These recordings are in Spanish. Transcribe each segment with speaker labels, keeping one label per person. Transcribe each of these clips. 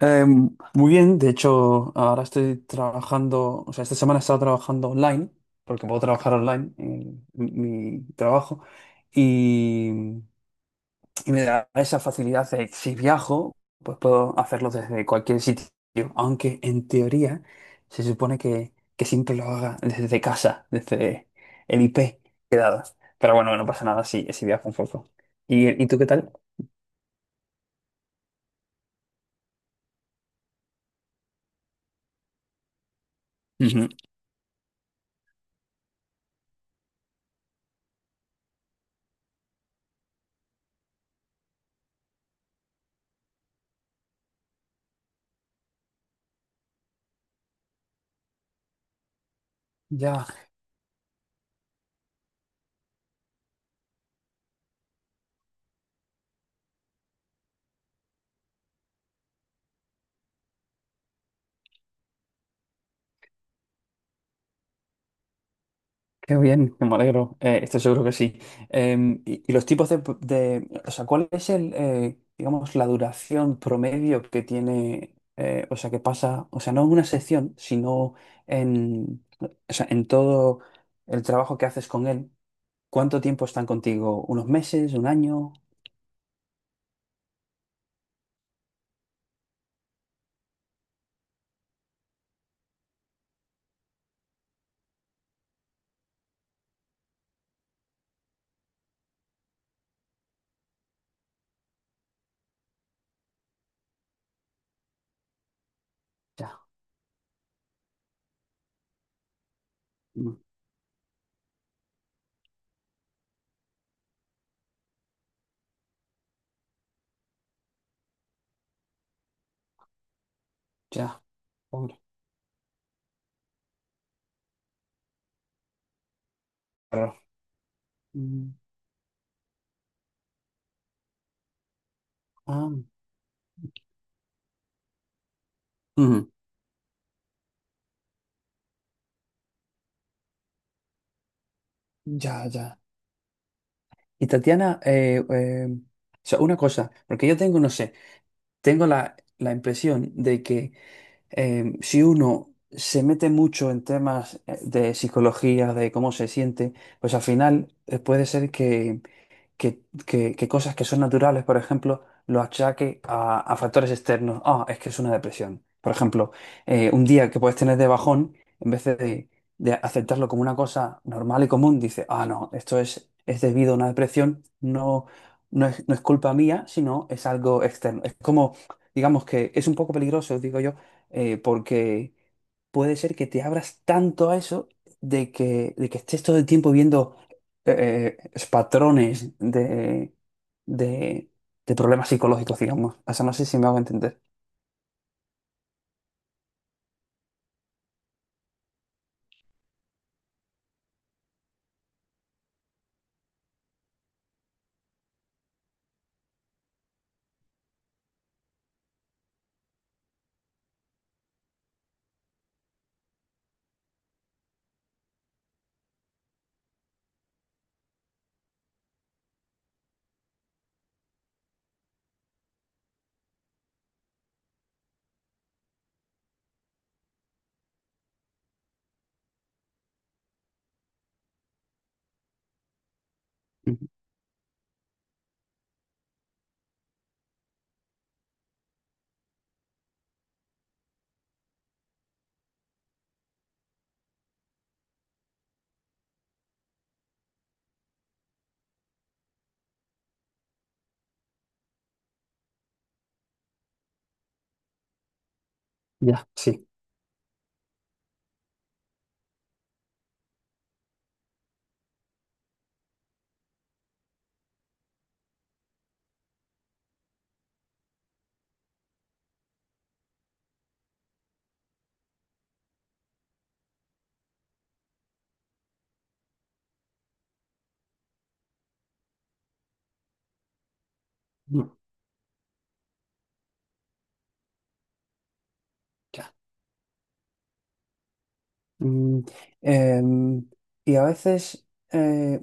Speaker 1: Eh, Muy bien, de hecho, ahora estoy trabajando, o sea, esta semana he estado trabajando online, porque puedo trabajar online en mi trabajo, y me da esa facilidad de que si viajo, pues puedo hacerlo desde cualquier sitio, aunque en teoría se supone que siempre lo haga desde casa, desde el IP. Pero bueno, no pasa nada si viajo un poco. ¿Y tú qué tal? Ujú. Ya. Qué bien, me alegro. Estoy seguro que sí. Y los tipos o sea, ¿cuál es el, digamos, la duración promedio que tiene, o sea, que pasa, o sea, no en una sección, sino en, o sea, en todo el trabajo que haces con él? ¿Cuánto tiempo están contigo? ¿Unos meses? ¿Un año? Ya, mm, ya, hombre, claro. Mm, ah, ujú, ya, ya. Y Tatiana, o sea, una cosa, porque yo tengo, no sé. Tengo la impresión de que si uno se mete mucho en temas de psicología, de cómo se siente, pues al final puede ser que cosas que son naturales, por ejemplo, lo achaque a factores externos. Ah, es que es una depresión. Por ejemplo, un día que puedes tener de bajón, en vez de aceptarlo como una cosa normal y común, dice, ah, no, esto es debido a una depresión, no, no es culpa mía, sino es algo externo. Es como, digamos que es un poco peligroso, digo yo, porque puede ser que te abras tanto a eso de que estés todo el tiempo viendo es patrones de, de problemas psicológicos, digamos. O sea, no sé si me hago entender. Mm, ya, sí. Mm, ya. Mm, em, y a veces, eh,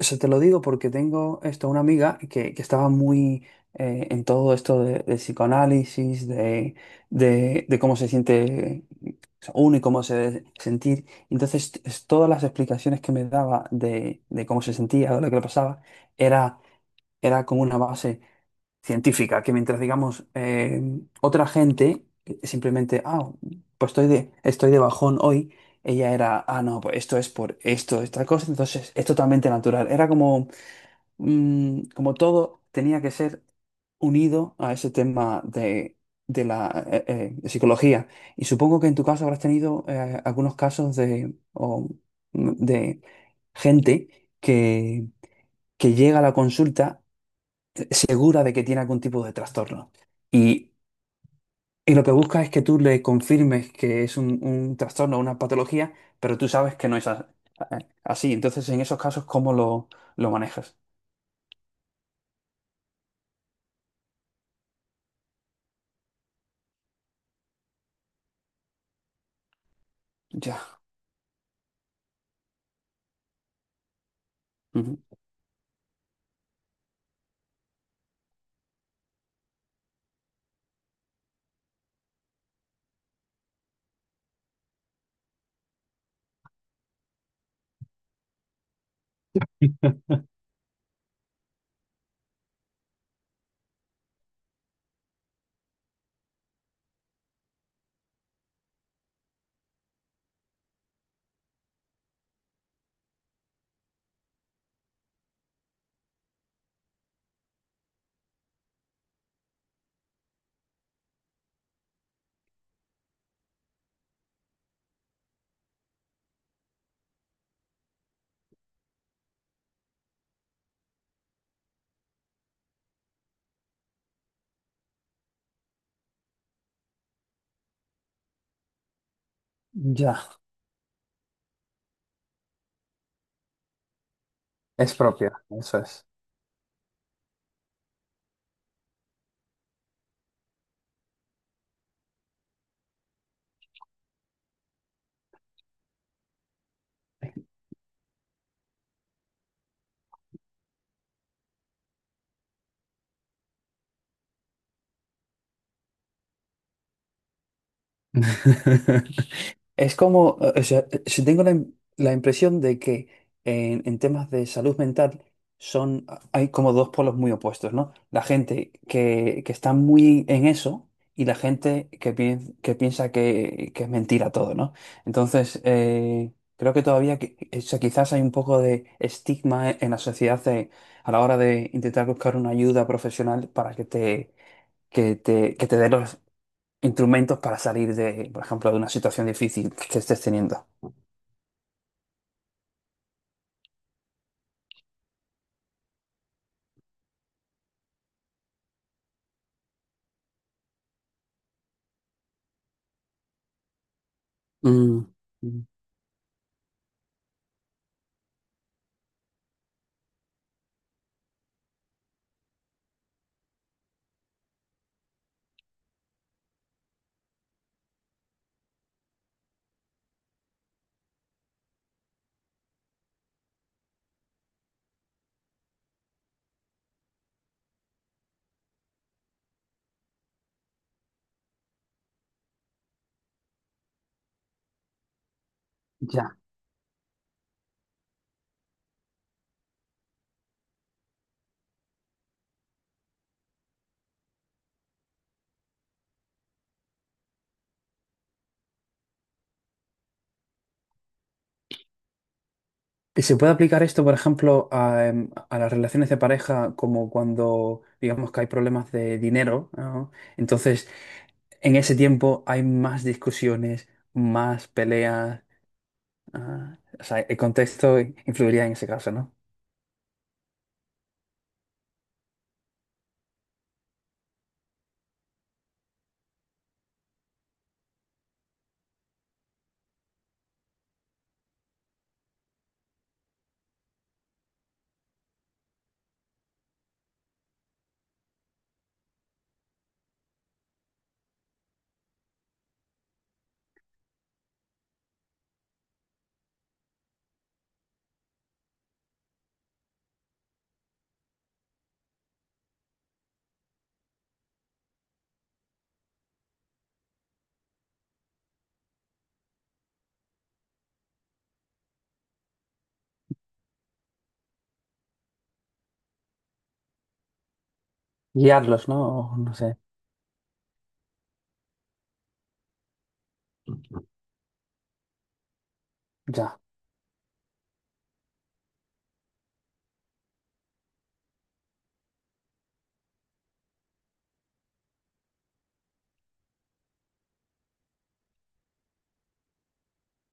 Speaker 1: se te lo digo porque tengo esto, una amiga que estaba muy en todo esto de psicoanálisis, de cómo se siente uno y cómo se debe sentir. Entonces, todas las explicaciones que me daba de cómo se sentía o lo que le pasaba, era era como una base científica, que mientras, digamos, otra gente simplemente, ah, pues estoy de bajón hoy, ella era, ah, no, pues esto es por esto, esta cosa, entonces es totalmente natural. Era como, mm, como todo tenía que ser unido a ese tema de la de psicología. Y supongo que en tu caso habrás tenido algunos casos de, o, mm, de gente que llega a la consulta segura de que tiene algún tipo de trastorno. Y, y lo que busca es que tú le confirmes que es un trastorno, una patología, pero tú sabes que no es así. Entonces, en esos casos, ¿cómo lo manejas? Ya. Ujú. Ya. Es propia, eso es. Es como, o sea, si tengo la impresión de que en temas de salud mental son, hay como dos polos muy opuestos, ¿no? La gente que está muy en eso y la gente que piensa que es mentira todo, ¿no? Entonces, creo que todavía, o sea, quizás hay un poco de estigma en la sociedad de a la hora de intentar buscar una ayuda profesional para que te, que te dé instrumentos para salir de, por ejemplo, de una situación difícil que estés teniendo. Mm, mm, ya. ¿Y se puede aplicar esto, por ejemplo, a, a las relaciones de pareja, como cuando digamos que hay problemas de dinero, ¿no? Entonces, en ese tiempo hay más discusiones, más peleas. Ah, o sea, el contexto influiría en ese caso, ¿no? Guiarlos, ¿no? O no sé. Ya.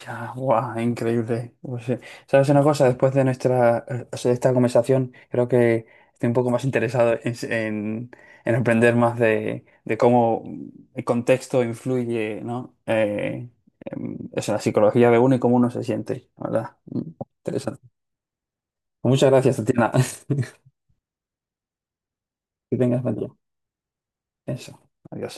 Speaker 1: Ya, guau, increíble. Pues, ¿sabes una cosa? Después de nuestra, o sea, de esta conversación, creo que estoy un poco más interesado en aprender más de cómo el contexto influye, ¿no? O sea, la psicología de uno y cómo uno se siente, la ¿verdad? Mm, interesante. Pues muchas gracias, Tatiana. Que tengas buen día. Eso. Adiós.